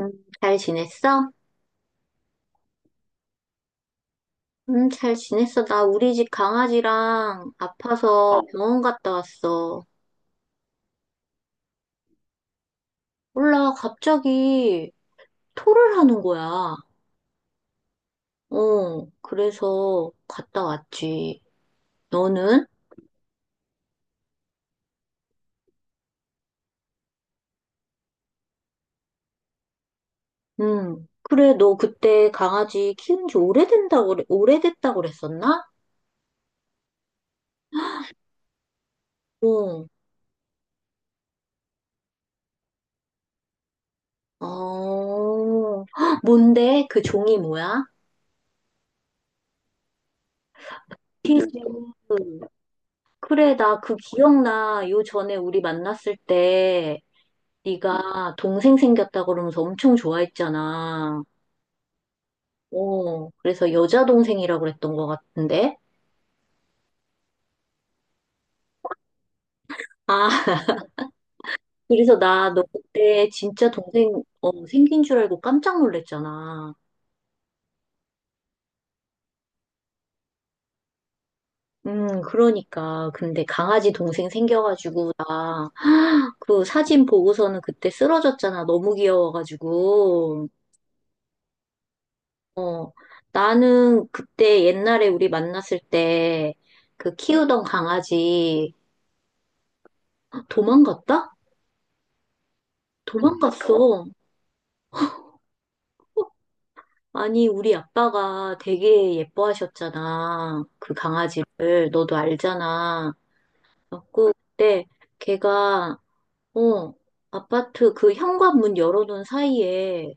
음, 잘 지냈어? 잘 지냈어. 나 우리 집 강아지랑 아파서 병원 갔다 왔어. 몰라, 갑자기 토를 하는 거야. 그래서 갔다 왔지. 너는? 그래, 너 그때 강아지 키운 지 오래된다고, 오래됐다고 그랬었나? 어, 어, 헉, 뭔데? 그 종이 뭐야? 키스. 그래, 나 그 기억나. 요 전에 우리 만났을 때. 네가 동생 생겼다 그러면서 엄청 좋아했잖아. 그래서 여자 동생이라고 그랬던 것 같은데. 아, 그래서 나 너 그때 진짜 동생 생긴 줄 알고 깜짝 놀랐잖아. 그러니까. 근데 강아지 동생 생겨가지고 나 그 사진 보고서는 그때 쓰러졌잖아. 너무 귀여워가지고. 어, 나는 그때 옛날에 우리 만났을 때 그 키우던 강아지 도망갔다? 도망갔어. 아니, 우리 아빠가 되게 예뻐하셨잖아. 그 강아지를. 너도 알잖아. 그래갖고 그때 걔가, 어, 아파트 그 현관문 열어놓은 사이에,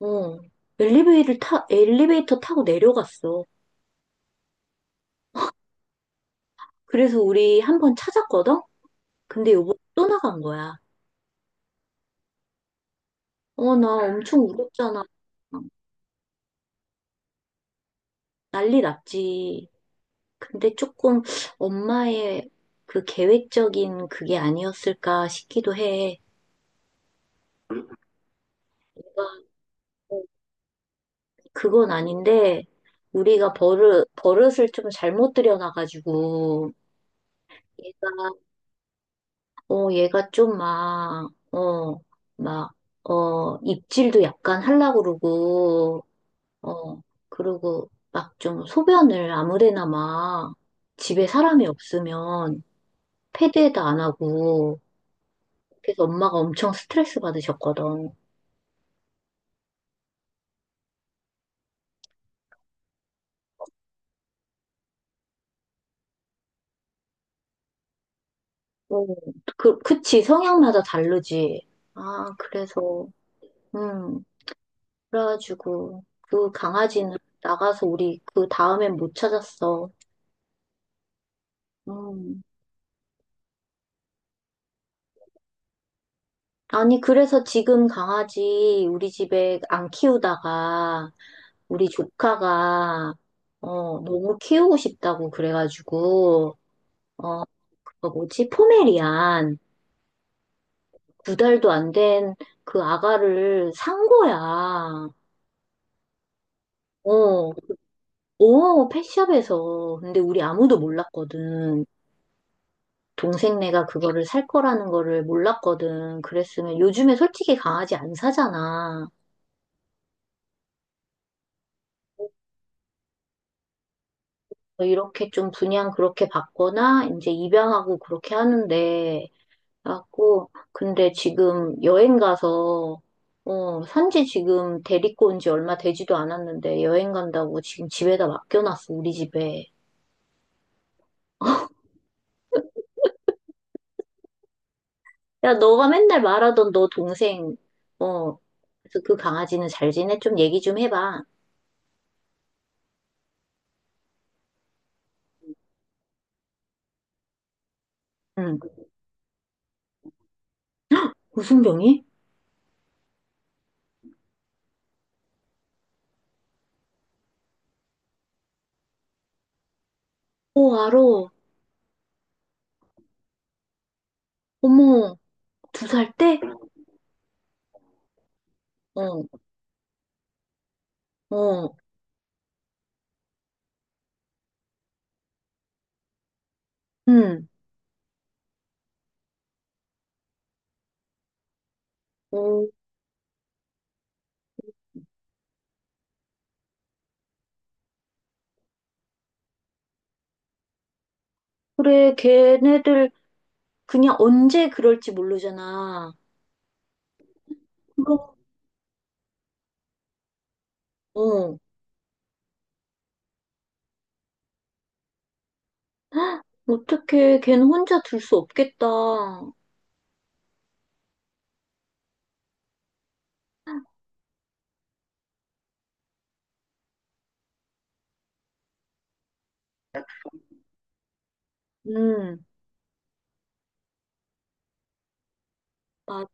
어, 엘리베이터 타고 내려갔어. 그래서 우리 한번 찾았거든? 근데 요번에 또 나간 거야. 어, 나 엄청 울었잖아. 난리 났지. 근데 조금 엄마의 그 계획적인 그게 아니었을까 싶기도 해. 뭔가 그건 아닌데, 우리가 버릇을 좀 잘못 들여놔가지고, 얘가, 어, 얘가 좀 막, 막, 입질도 약간 하려고 그러고, 어, 그러고 막 좀 소변을 아무데나 막 집에 사람이 없으면 패드에다 안 하고, 그래서 엄마가 엄청 스트레스 받으셨거든. 어, 그치, 성향마다 다르지. 아, 그래서, 음, 그래가지고, 그 강아지는 나가서 우리 그 다음엔 못 찾았어. 음. 아니, 그래서 지금 강아지 우리 집에 안 키우다가, 우리 조카가, 너무 키우고 싶다고 그래가지고, 어, 그거 뭐지? 포메리안. 두 달도 안 된 그 아가를 산 거야. 어, 오, 펫샵에서. 근데 우리 아무도 몰랐거든. 동생네가 그거를 살 거라는 거를 몰랐거든. 그랬으면 요즘에 솔직히 강아지 안 사잖아. 이렇게 좀 분양 그렇게 받거나 이제 입양하고 그렇게 하는데 갖고 근데 지금 여행 가서 어, 산지 지금 데리고 온지 얼마 되지도 않았는데 여행 간다고 지금 집에다 맡겨놨어, 우리 집에. 야, 너가 맨날 말하던 너 동생, 어, 그래서 그 강아지는 잘 지내? 좀 얘기 좀 해봐. 응. 무슨 병이? 오, 알아. 어머, 두 살 때? 어, 어, 응. 어, 그래, 걔네들 그냥 언제 그럴지 모르잖아. 그럼, 어, 어떡해. 걔는 혼자 둘 수 없겠다. 응, 맞아.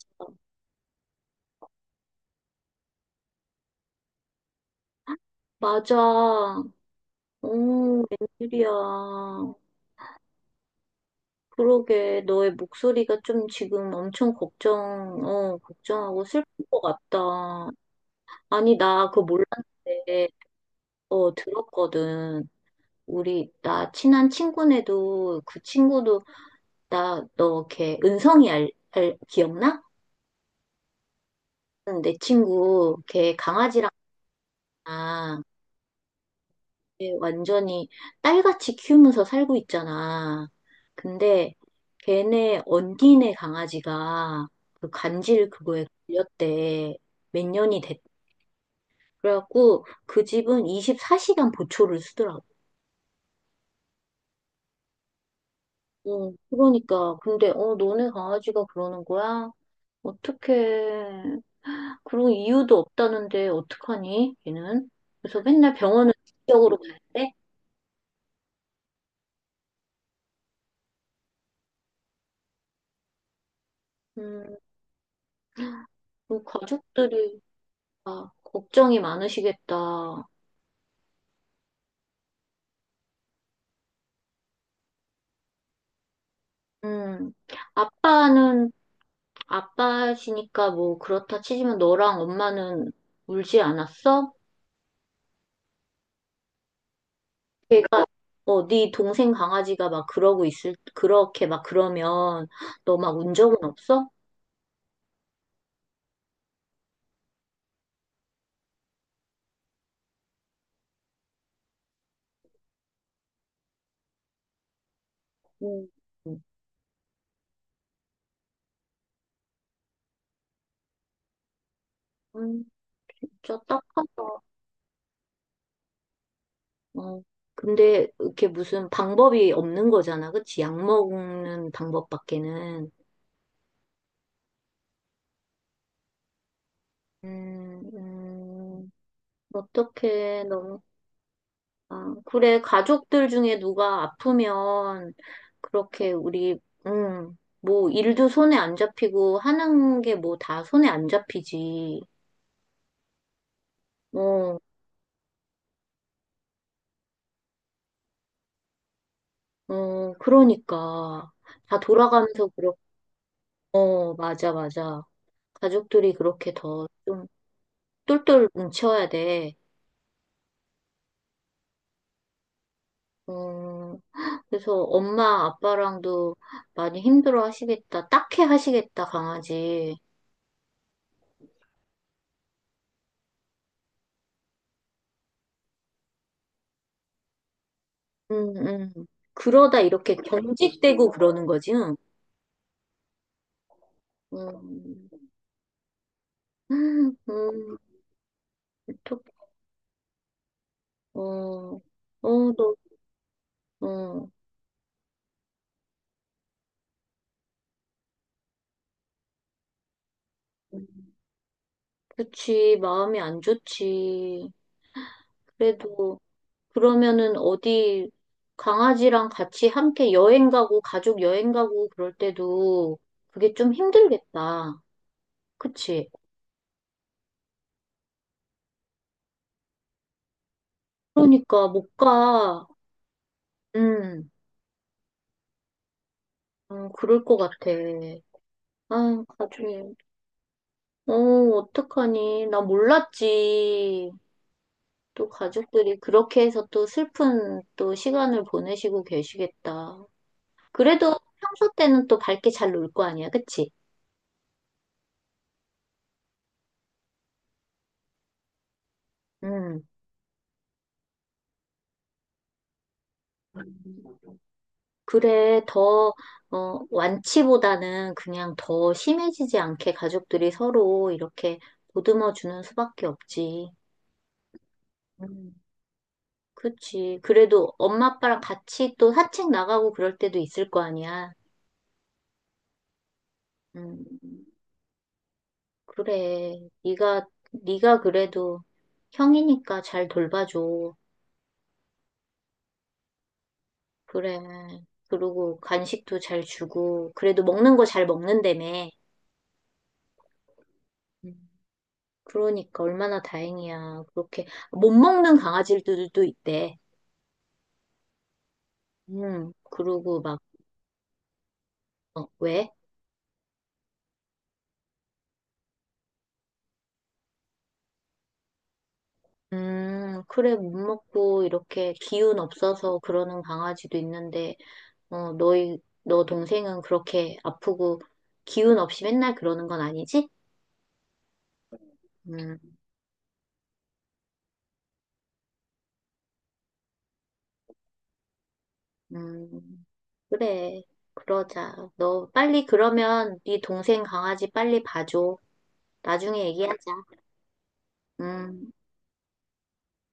맞아. 어, 웬일이야. 그러게, 너의 목소리가 좀 지금 엄청 걱정, 어, 걱정하고 슬픈 것 같다. 아니, 나 그거 몰랐는데, 어, 들었거든. 우리, 나 친한 친구네도, 그 친구도, 나, 너, 걔, 은성이 알, 기억나? 응, 내 친구, 걔 강아지랑, 이제 완전히 딸같이 키우면서 살고 있잖아. 근데 걔네 언니네 강아지가 그 간질 그거에 걸렸대. 몇 년이 됐래갖고 그 집은 24시간 보초를 쓰더라고. 응, 그러니까. 근데, 어, 너네 강아지가 그러는 거야? 어떡해. 그런 이유도 없다는데, 어떡하니, 얘는? 그래서 맨날 병원을 직접으로 가야 돼? 음, 그 가족들이 다 걱정이 많으시겠다. 음, 아빠는, 아빠시니까 뭐 그렇다 치지만 너랑 엄마는 울지 않았어? 걔가, 네 동생 강아지가 막 그러고 그렇게 막 그러면 너 막 운 적은 없어? 음, 음, 진짜 딱하다. 어. 근데 이렇게 무슨 방법이 없는 거잖아. 그치? 약 먹는 방법밖에는. 음, 음, 어떡해. 너무. 아, 그래, 가족들 중에 누가 아프면 그렇게 우리, 뭐 일도 손에 안 잡히고 하는 게 뭐 다 손에 안 잡히지. 어, 어, 그러니까. 다 돌아가면서 그렇, 어, 맞아, 맞아. 가족들이 그렇게 더 좀 똘똘 뭉쳐야 돼. 어, 그래서 엄마, 아빠랑도 많이 힘들어 하시겠다. 딱해 하시겠다, 강아지. 음, 음. 그러다 이렇게 경직되고 그러는 거지, 응. 음, 음, 또, 어, 어, 너, 어, 음, 그치, 마음이 안 좋지. 그래도, 그러면은 어디, 강아지랑 같이 함께 여행 가고, 가족 여행 가고 그럴 때도 그게 좀 힘들겠다. 그치? 그러니까 못 가. 음, 어, 그럴 것 같아. 아, 가족이. 어, 어떡하니. 나 몰랐지. 또 가족들이 그렇게 해서 또 슬픈 또 시간을 보내시고 계시겠다. 그래도 평소 때는 또 밝게 잘 놀 거 아니야, 그치? 음. 그래, 더, 어, 완치보다는 그냥 더 심해지지 않게 가족들이 서로 이렇게 보듬어 주는 수밖에 없지. 음, 그치. 그래도 엄마 아빠랑 같이 또 산책 나가고 그럴 때도 있을 거 아니야. 음, 그래. 네가 그래도 형이니까 잘 돌봐줘. 그래. 그리고 간식도 잘 주고 그래도 먹는 거 잘 먹는다며. 음, 그러니까 얼마나 다행이야. 그렇게 못 먹는 강아지들도 있대. 음. 그러고 막 어, 왜? 그래, 못 먹고 이렇게 기운 없어서 그러는 강아지도 있는데, 어, 너 동생은 그렇게 아프고 기운 없이 맨날 그러는 건 아니지? 음, 음. 그래, 그러자. 너 빨리 그러면 네 동생 강아지 빨리 봐줘. 나중에 얘기하자. 음.